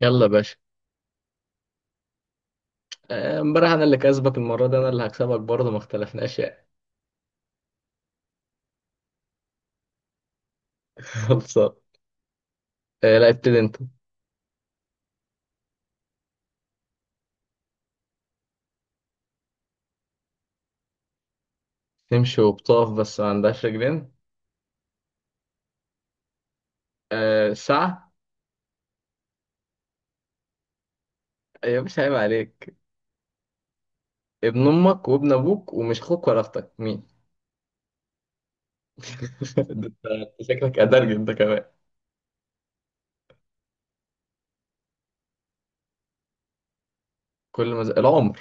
يلا يا باشا. آه، امبارح انا اللي كسبك المره دي انا اللي هكسبك برضه ما اختلفناش يعني. خلصان. آه، لا ابتدي انت. تمشي وبتقف بس ما عندهاش رجلين. أه ساعه. يا باشا عيب عليك. ابن امك وابن ابوك ومش اخوك ولا اختك مين؟ ده انت. أنت شكلك ادرج انت كمان. كل ما العمر.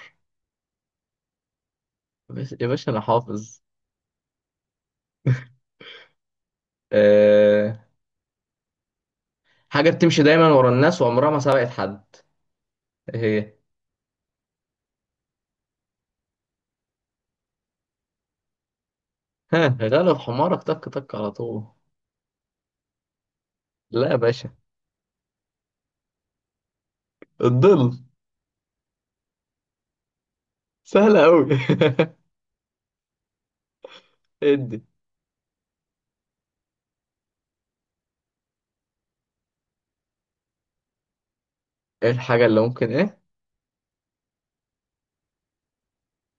بس يا باشا انا حافظ. أه. حاجه بتمشي دايما ورا الناس وعمرها ما سبقت حد. إيه هي؟ ها غلب حمارك تك تك على طول. لا يا باشا. الظل. سهله قوي ادي. ايه الحاجة اللي ممكن ايه؟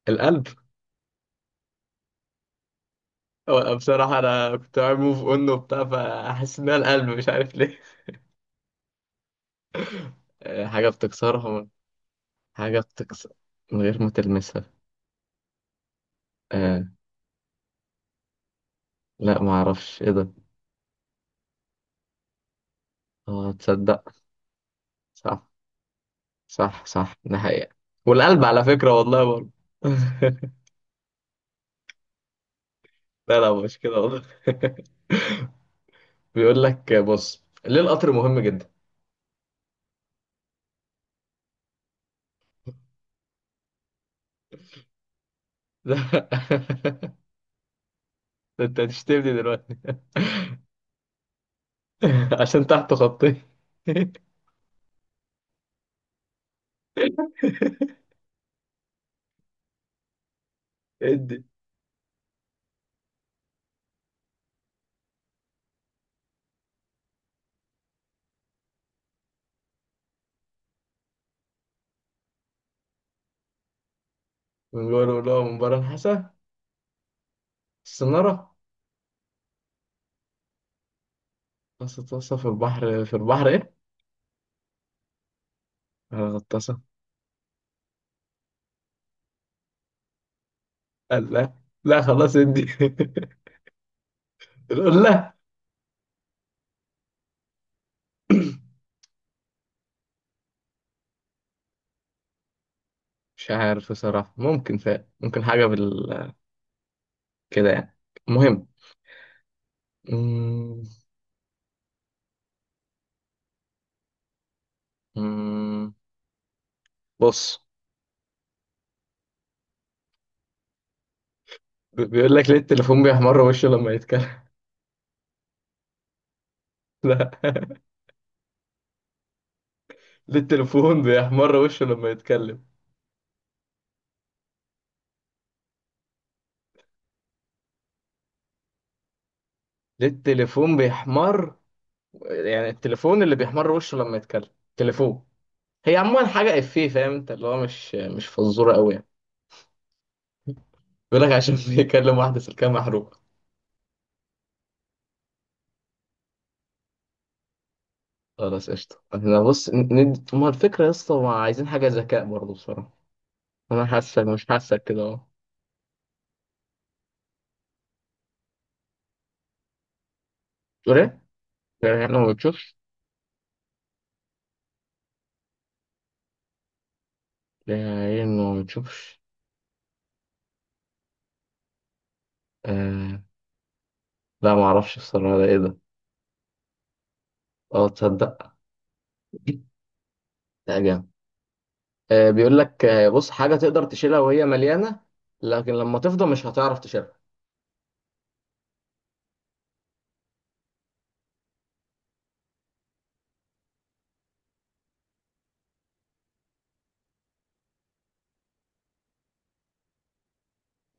القلب. هو أنا بصراحة انا كنت عامل موف اون وبتاع فحاسس انها القلب مش عارف ليه. آه، حاجة بتكسرها. حاجة بتكسر من غير ما تلمسها. آه. لا ما اعرفش ايه ده. اه تصدق. صح صح صح، ده حقيقة. والقلب على فكرة والله برضه. لا لا مش كده والله. بيقول لك بص ليه القطر مهم جدا. ده انت هتشتمني دلوقتي. عشان تحته خطين. ادي. بيقولوا له مباراة الحسا. السنارة. غطاسة غطاسة في البحر في البحر إيه؟ غطاسة. قال لا. لا خلاص ادي. يقول لا. مش عارف بصراحة ممكن فعلا ممكن حاجة بال كده يعني. المهم. مم، مم، بص. بيقول لك ليه التليفون بيحمر وشه لما يتكلم. لا. ليه التليفون بيحمر وشه لما يتكلم؟ ليه التليفون بيحمر؟ يعني التليفون اللي بيحمر وشه لما يتكلم. تليفون. هي عموما حاجة إفيه فاهم أنت اللي هو مش فزورة أوي يعني. بيقول لك عشان بيكلم واحدة سلكها محروقة. خلاص قشطة احنا بص ما الفكرة يا اسطى ما عايزين حاجة ذكاء برضه بصراحة. أنا حاسك مش حاسك كده أهو. تقول إيه؟ يعني إنه ما بتشوفش؟ يعني إنه ما بتشوفش؟ آه. لا ما أعرفش بصراحة ده إيه ده؟ أه تصدق. لا جامد. بيقول لك بص حاجة تقدر تشيلها وهي مليانة لكن لما تفضى مش هتعرف تشيلها.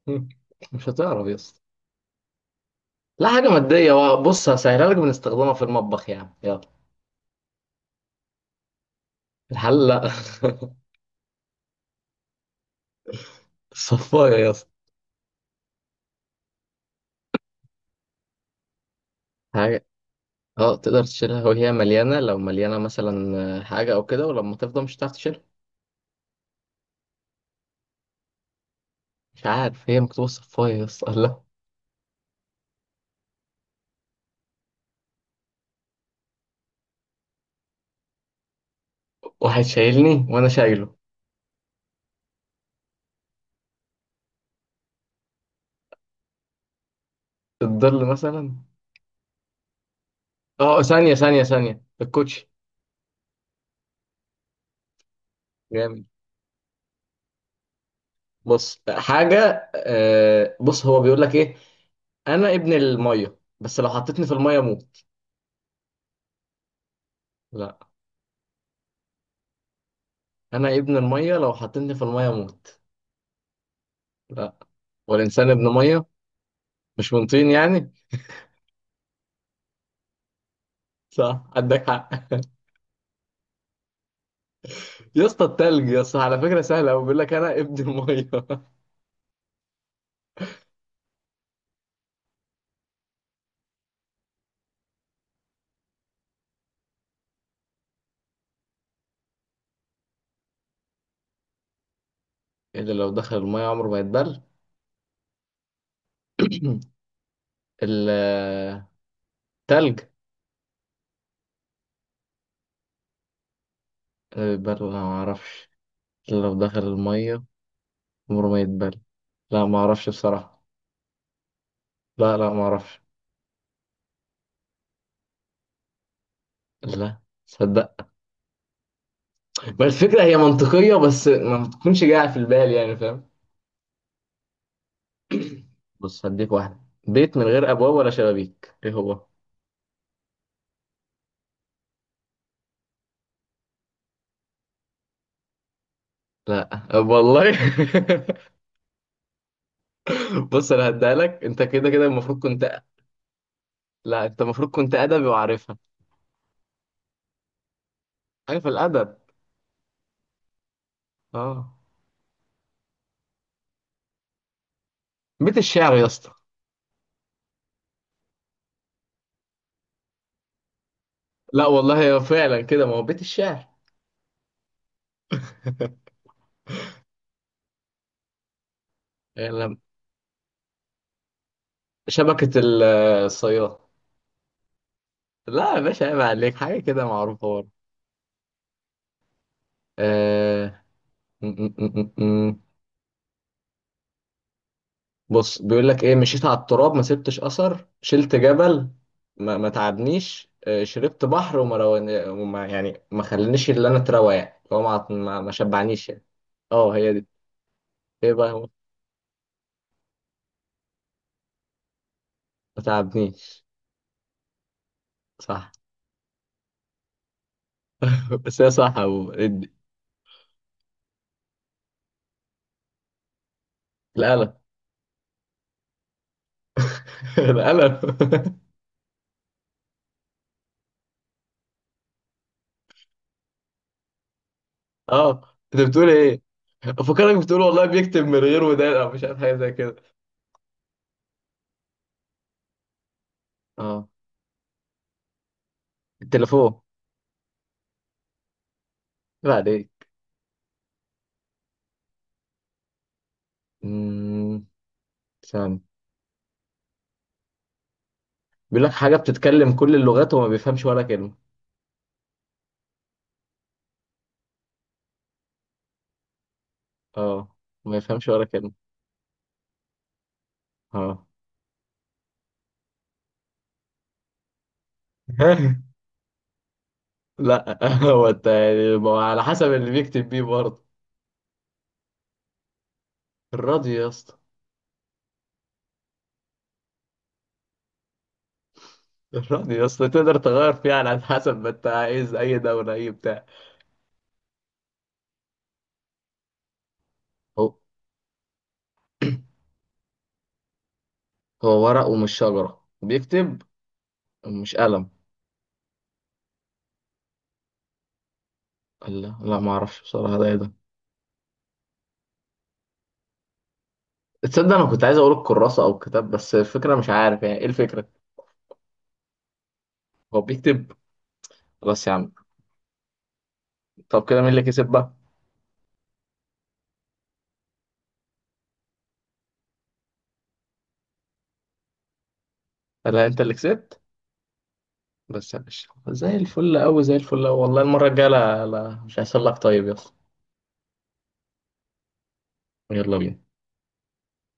مش هتعرف يا اسطى. لا حاجة مادية بقى بص هسهلها لك بنستخدمها في المطبخ يعني يلا. الحلة. الصفاية يا اسطى. حاجة. اه تقدر تشيلها وهي مليانة لو مليانة مثلا حاجة أو كده ولما تفضى مش هتعرف تشيلها. مش عارف هي مكتوبة الصفاية يا اسطى الله. واحد شايلني وأنا شايله. الظل مثلا. اه ثانية ثانية ثانية الكوتشي. جامد. بص حاجة بص هو بيقول لك إيه. أنا ابن المية بس لو حطيتني في المية أموت. لا. أنا ابن المية لو حطيتني في المية أموت. لا. والإنسان ابن مية. مش من طين يعني. صح عندك حق يا اسطى التلج يا اسطى على فكرة سهلة أوي بيقول لك أنا ابن المية إيه اللي لو دخل المية عمره ما يتبل؟ التلج. يتبل ولا ما أعرفش. اللي لو دخل المية عمره ما يتبل. لا ما أعرفش بصراحة. لا لا ما أعرفش. لا. صدق. ما الفكرة هي منطقية بس ما بتكونش جاية في البال يعني فاهم. بص هديك واحدة. بيت من غير أبواب ولا شبابيك إيه هو؟ لا والله. بص انا هديها لك انت كده كده المفروض كنت. لا انت المفروض كنت ادبي وعارفها. عارف الادب. اه. بيت الشعر يا اسطى. لا والله هو فعلا كده ما هو بيت الشعر. يلا، شبكة الصياد. لا يا باشا عيب عليك حاجة كده معروفة برضه. آه. م- م- م- م- م. بص بيقول لك ايه مشيت على التراب ما سبتش اثر شلت جبل ما تعبنيش شربت بحر وما, رواني... وما يعني ما خلانيش اللي انا اتروى يعني هو ما شبعنيش يعني. اه هي دي. ايه بقى هو؟ ما تعبنيش. صح. بس هي صح هو القلم. القلم. اه انت بتقول ايه. افكرك بتقول والله بيكتب من غير ودان او مش عارف حاجه زي كده. اه. التليفون. بعد ايه. امم ثاني. بيقول لك حاجه بتتكلم كل اللغات وما بيفهمش ولا كلمه. اه. ما يفهمش ولا كلمه. اه. لا. هو انت يعني ما هو على حسب اللي بيكتب بيه برضه. الراديو يا اسطى. الراديو يا اسطى تقدر تغير فيه على حسب ما انت عايز اي دوله اي بتاع. هو. هو ورق ومش شجرة وبيكتب ومش قلم. قال لا لا ما اعرفش بصراحة ده ايه ده. تصدق انا كنت عايز اقول الكراسة او الكتاب بس الفكرة مش عارف يعني ايه الفكرة. هو بيكتب. خلاص يا عم. طب كده مين اللي كسب بقى؟ قال لها انت اللي كسبت. بس يا باشا زي الفل قوي زي الفل قوي والله المرة الجاية لا لا مش هيحصل لك طيب يا اسطى. يلا بينا.